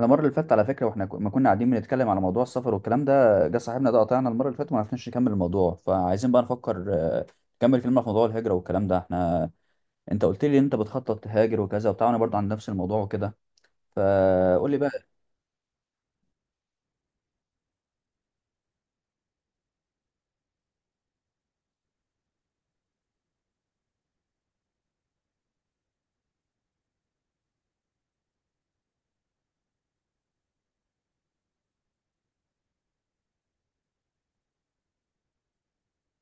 انا المره اللي فاتت على فكره واحنا ما كنا قاعدين بنتكلم على موضوع السفر والكلام ده جه صاحبنا ده قطعنا المره اللي فاتت وما عرفناش نكمل الموضوع، فعايزين بقى نفكر، نكمل كلمه في موضوع الهجره والكلام ده. احنا انت قلت لي انت بتخطط تهاجر وكذا وبتاع، وانا برضه عند نفس الموضوع وكده، فقول لي بقى.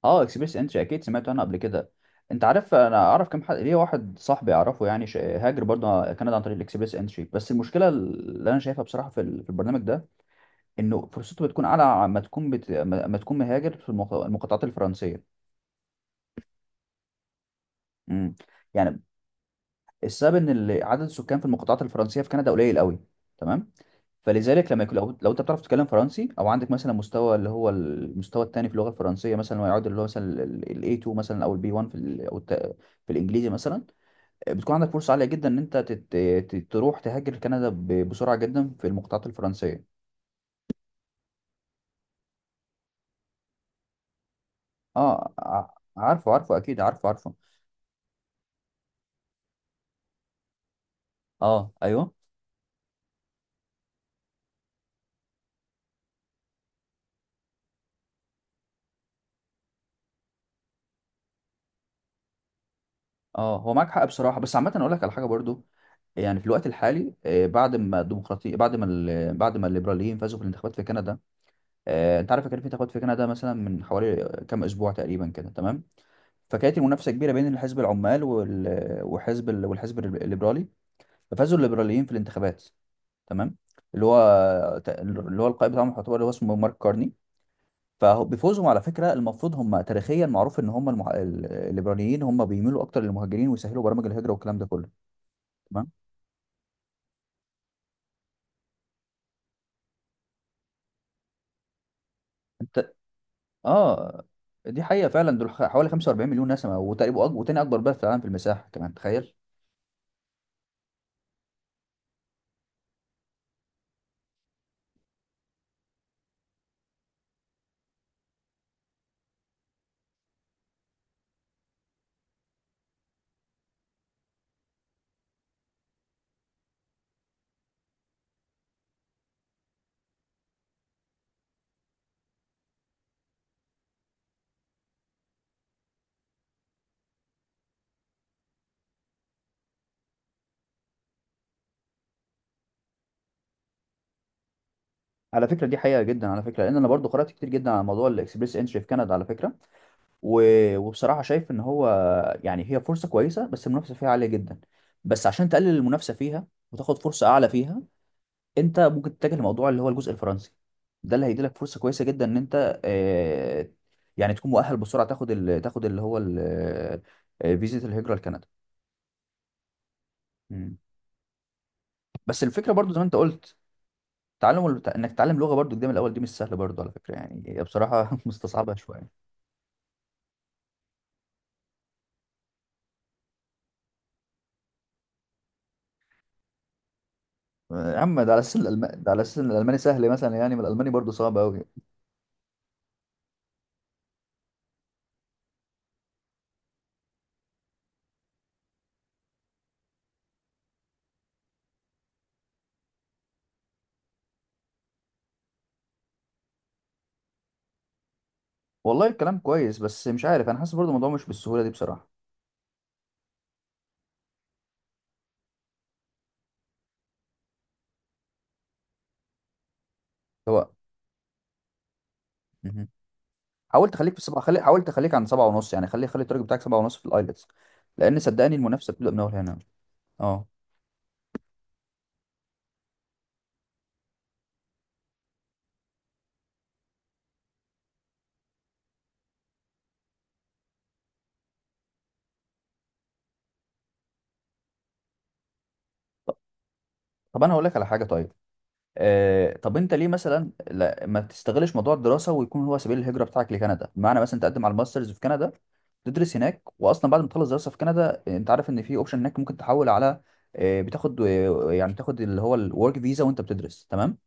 اه، اكسبيرينس انتري اكيد سمعت عنها قبل كده. انت عارف انا اعرف كم حد ليه؟ واحد صاحبي اعرفه يعني هاجر برضه كندا عن طريق الاكسبريس انتري. بس المشكله اللي انا شايفها بصراحه في في البرنامج ده انه فرصته بتكون اعلى ما تكون بت... ما ما تكون مهاجر في المقاطعات الفرنسيه. امم يعني السبب ان عدد السكان في المقاطعات الفرنسيه في كندا قليل قوي. تمام. فلذلك لما يكون لو انت بتعرف تتكلم فرنسي او عندك مثلا مستوى اللي هو المستوى الثاني في اللغه الفرنسيه مثلا، ويعود اللي هو مثلا ال A2 مثلا او ال B1 في في الانجليزي مثلا، بتكون عندك فرصه عاليه جدا ان انت تروح تهاجر كندا بسرعه جدا في المقاطعات الفرنسيه. اه عارفه اكيد عارفه عارفه. اه ايوه. اه هو معاك حق بصراحه، بس عامه اقول لك على حاجه برضو. يعني في الوقت الحالي، بعد ما الديمقراطية، بعد ما بعد ما الليبراليين فازوا في الانتخابات في كندا، انت عارف كان في انتخابات في كندا مثلا من حوالي كام اسبوع تقريبا كده. تمام. فكانت المنافسه كبيره بين الحزب العمال وحزب والحزب الليبرالي. ففازوا الليبراليين في الانتخابات. تمام. اللي هو اللي هو القائد بتاعهم يعتبر اللي هو اسمه مارك كارني. فبفوزهم على فكره المفروض هم تاريخيا معروف ان هم الليبراليين هم بيميلوا اكتر للمهاجرين ويسهلوا برامج الهجره والكلام ده كله. تمام. انت اه، دي حقيقة فعلا دول حوالي 45 مليون نسمة، وتقريبا وتاني أكبر بلد في العالم في المساحة كمان، تخيل. على فكرة دي حقيقة جدا على فكرة، لأن أنا برضو قرأت كتير جدا على موضوع الإكسبريس إنتري في كندا على فكرة. و... وبصراحة شايف إن هو يعني هي فرصة كويسة، بس المنافسة فيها عالية جدا. بس عشان تقلل المنافسة فيها وتاخد فرصة أعلى فيها، أنت ممكن تتجه لموضوع اللي هو الجزء الفرنسي. ده اللي هيديلك فرصة كويسة جدا إن أنت، يعني تكون مؤهل بسرعة تاخد تاخد اللي هو ال... آه، فيزيت الهجرة لكندا. مم. بس الفكره برضو زي ما انت قلت، تعلم انك تتعلم لغه برضو جديده من الاول دي مش سهله برضو على فكره، يعني هي بصراحه مستصعبه شويه. يا عم ده على اساس ده على اساس ان الالماني سهل مثلا، يعني ما الالماني برضو صعب قوي. والله الكلام كويس، بس مش عارف انا حاسس برضو الموضوع مش بالسهوله دي بصراحه. هو مهم. حاولت اخليك عند سبعه ونص يعني، خلي التارجت بتاعك سبعه ونص في الايلتس، لان صدقني المنافسه بتبدا من اول هنا. اه. طب طب انا هقول لك على حاجه. طيب، طب انت ليه مثلا لا ما تستغلش موضوع الدراسه ويكون هو سبيل الهجره بتاعك لكندا، بمعنى مثلا تقدم على الماسترز في كندا، تدرس هناك. واصلا بعد ما تخلص دراسه في كندا، انت عارف ان في اوبشن هناك ممكن تحول على، بتاخد، يعني تاخد اللي هو الورك فيزا وانت بتدرس. تمام.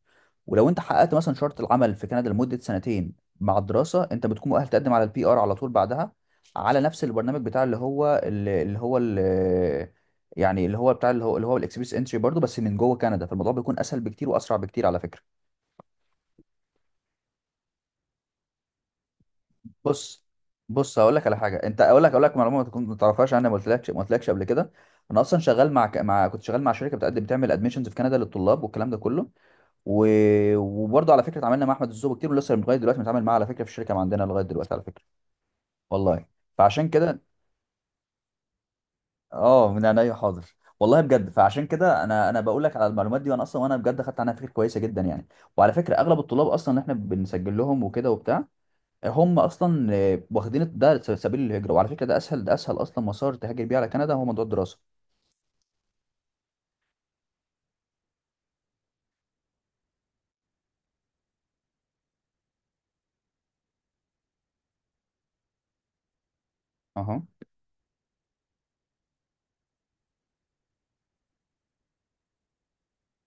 ولو انت حققت مثلا شرط العمل في كندا لمده سنتين مع الدراسه، انت بتكون مؤهل تقدم على البي ار على طول بعدها، على نفس البرنامج بتاع اللي هو اللي اللي هو اللي يعني اللي هو بتاع اللي هو اللي هو الاكسبريس انتري برضه، بس من جوه كندا فالموضوع بيكون اسهل بكتير واسرع بكتير على فكره. بص بص هقول لك على حاجه. انت اقول لك معلومه ما تكون ما تعرفهاش، انا ما قلتلكش قبل كده. انا اصلا شغال مع كنت شغال مع شركه بتعمل ادميشنز في كندا للطلاب والكلام ده كله. و... وبرضه على فكره اتعاملنا مع احمد الزوبي كتير، ولسه لغايه دلوقتي بنتعامل معاه على فكره في الشركه ما عندنا لغايه دلوقتي على فكره. والله. فعشان كده اه، من عينيا حاضر والله بجد. فعشان كده انا بقول لك على المعلومات دي، وانا اصلا وانا بجد خدت عنها فكره كويسه جدا يعني. وعلى فكره اغلب الطلاب اصلا اللي احنا بنسجل لهم وكده وبتاع، هم اصلا، واخدين ده سبيل الهجره. وعلى فكره ده اسهل اصلا مسار تهاجر بيه على كندا هو موضوع الدراسه. اها.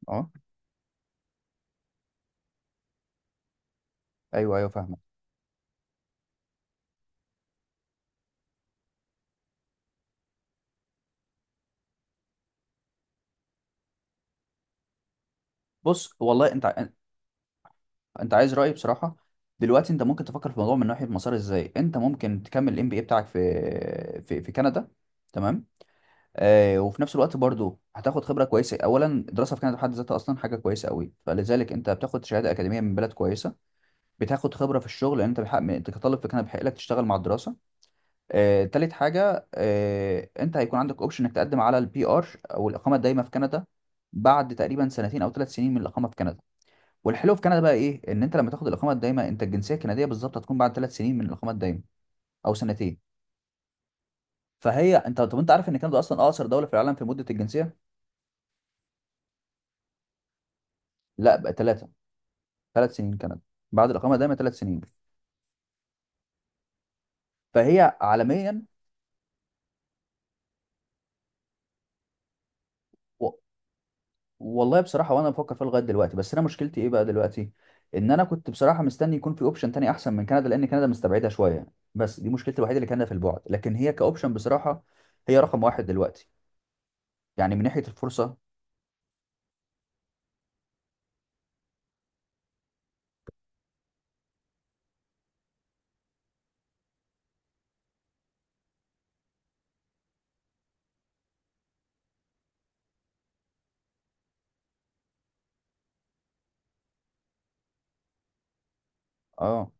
اه ايوه، فاهمك. بص والله انت انت عايز رايي بصراحه؟ دلوقتي انت ممكن تفكر في الموضوع من ناحيه مسار ازاي انت ممكن تكمل الام بي اي بتاعك في كندا. تمام. وفي نفس الوقت برضو هتاخد خبره كويسه. اولا الدراسه في كندا بحد ذاتها اصلا حاجه كويسه قوي، فلذلك انت بتاخد شهاده اكاديميه من بلد كويسه. بتاخد خبره في الشغل لان انت بحق انت كطالب في كندا بيحق لك تشتغل مع الدراسه. تالت حاجه انت هيكون عندك اوبشن انك تقدم على البي ار او الاقامه الدائمه في كندا بعد تقريبا سنتين او ثلاث سنين من الاقامه في كندا. والحلو في كندا بقى ايه؟ ان انت لما تاخد الاقامه الدائمه، انت الجنسيه الكنديه بالظبط هتكون بعد ثلاث سنين من الاقامه الدائمه او سنتين. فهي انت، طب انت عارف ان كندا اصلا اقصر دوله في العالم في مده الجنسيه؟ لا بقى ثلاثه، ثلاث سنين كندا، بعد الاقامه دايما ثلاث سنين. فهي عالميا. و... والله بصراحه وانا بفكر فيها لغايه دلوقتي، بس انا مشكلتي ايه بقى دلوقتي؟ ان انا كنت بصراحه مستني يكون في اوبشن تاني احسن من كندا، لان كندا مستبعدها شويه. بس دي مشكلتي الوحيده، اللي كندا في البعد، لكن هي كاوبشن بصراحه هي رقم واحد دلوقتي يعني من ناحيه الفرصه. اه.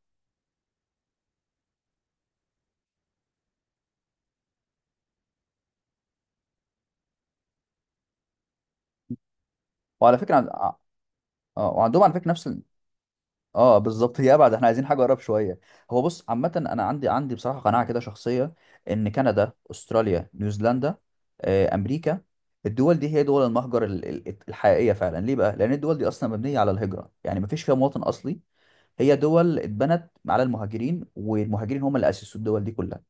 اه. آه. وعندهم على فكره نفس. اه بالظبط، هي ابعد، احنا عايزين حاجه اقرب شويه. هو بص عامه انا عندي بصراحه قناعه كده شخصيه، ان كندا، استراليا، نيوزيلندا، امريكا، الدول دي هي دول المهجر الحقيقيه فعلا. ليه بقى؟ لان الدول دي اصلا مبنيه على الهجره يعني مفيش فيها مواطن اصلي. هي دول اتبنت على المهاجرين، والمهاجرين هم اللي اسسوا الدول دي كلها.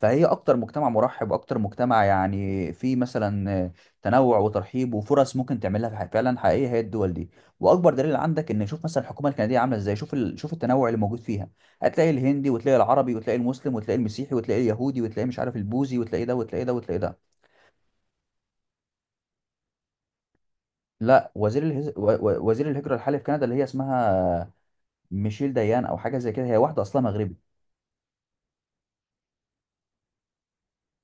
فهي اكتر مجتمع مرحب، اكتر مجتمع يعني فيه مثلا تنوع وترحيب وفرص ممكن تعملها فعلا حقيقيه هي الدول دي. واكبر دليل عندك ان شوف مثلا الحكومه الكنديه عامله ازاي، شوف شوف التنوع اللي موجود فيها. هتلاقي الهندي وتلاقي العربي وتلاقي المسلم وتلاقي المسيحي وتلاقي اليهودي وتلاقي مش عارف البوذي، وتلاقي ده. لا، وزير الهز... و... و- وزير الهجره الحالي في كندا اللي هي اسمها ميشيل ديان او حاجه زي كده، هي واحده اصلها مغربي.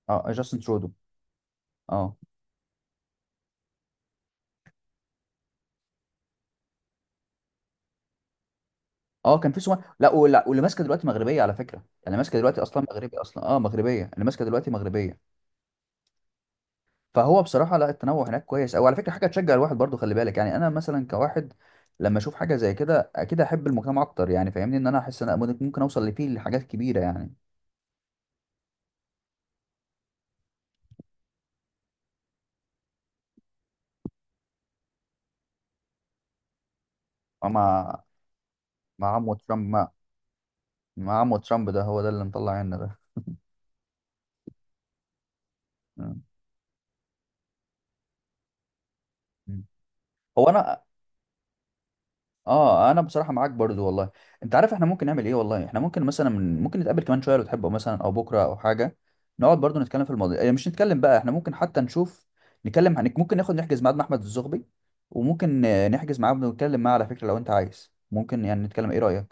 اه جاستن ترودو. اه اه. كان في سومال لا ولا واللي ماسكه دلوقتي مغربيه على فكره. اللي ماسكه دلوقتي اصلا مغربي، اصلا اه مغربيه، اللي ماسكه دلوقتي مغربيه. فهو بصراحه لا، التنوع هناك كويس، او على فكره حاجه تشجع الواحد برضو. خلي بالك يعني انا مثلا كواحد لما اشوف حاجه زي كده اكيد احب المجتمع اكتر، يعني فاهمني ان انا احس ان أنا ممكن اوصل لفيه لحاجات كبيره يعني. مع مع مع عمو ترامب ده هو ده اللي مطلع عنا ده. مم. هو انا، اه انا بصراحه معاك برضو والله. انت عارف احنا ممكن نعمل ايه والله؟ احنا ممكن مثلا ممكن نتقابل كمان شويه لو تحب، او مثلا او بكره او حاجه، نقعد برضو نتكلم في الموضوع، إيه، مش نتكلم بقى، احنا ممكن حتى نشوف نتكلم عن، ممكن نحجز ميعاد مع احمد الزغبي، وممكن نحجز معاه ونتكلم معاه على فكره لو انت عايز ممكن، يعني نتكلم، ايه رايك؟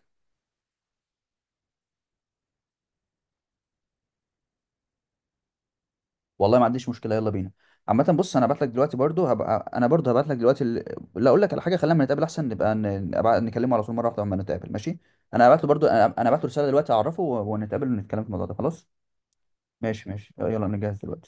والله ما عنديش مشكله، يلا بينا. عامه بص انا هبعت لك دلوقتي برضو، هبقى انا برضو هبعت لك دلوقتي ال... لا اقول لك على حاجه، خلينا أما نتقابل احسن، نبقى نكلمه على طول مره واحده لما نتقابل ماشي. انا هبعت له برضو انا أنا هبعت له رساله دلوقتي اعرفه ونتقابل ونتكلم في الموضوع ده خلاص. ماشي يلا نجهز دلوقتي.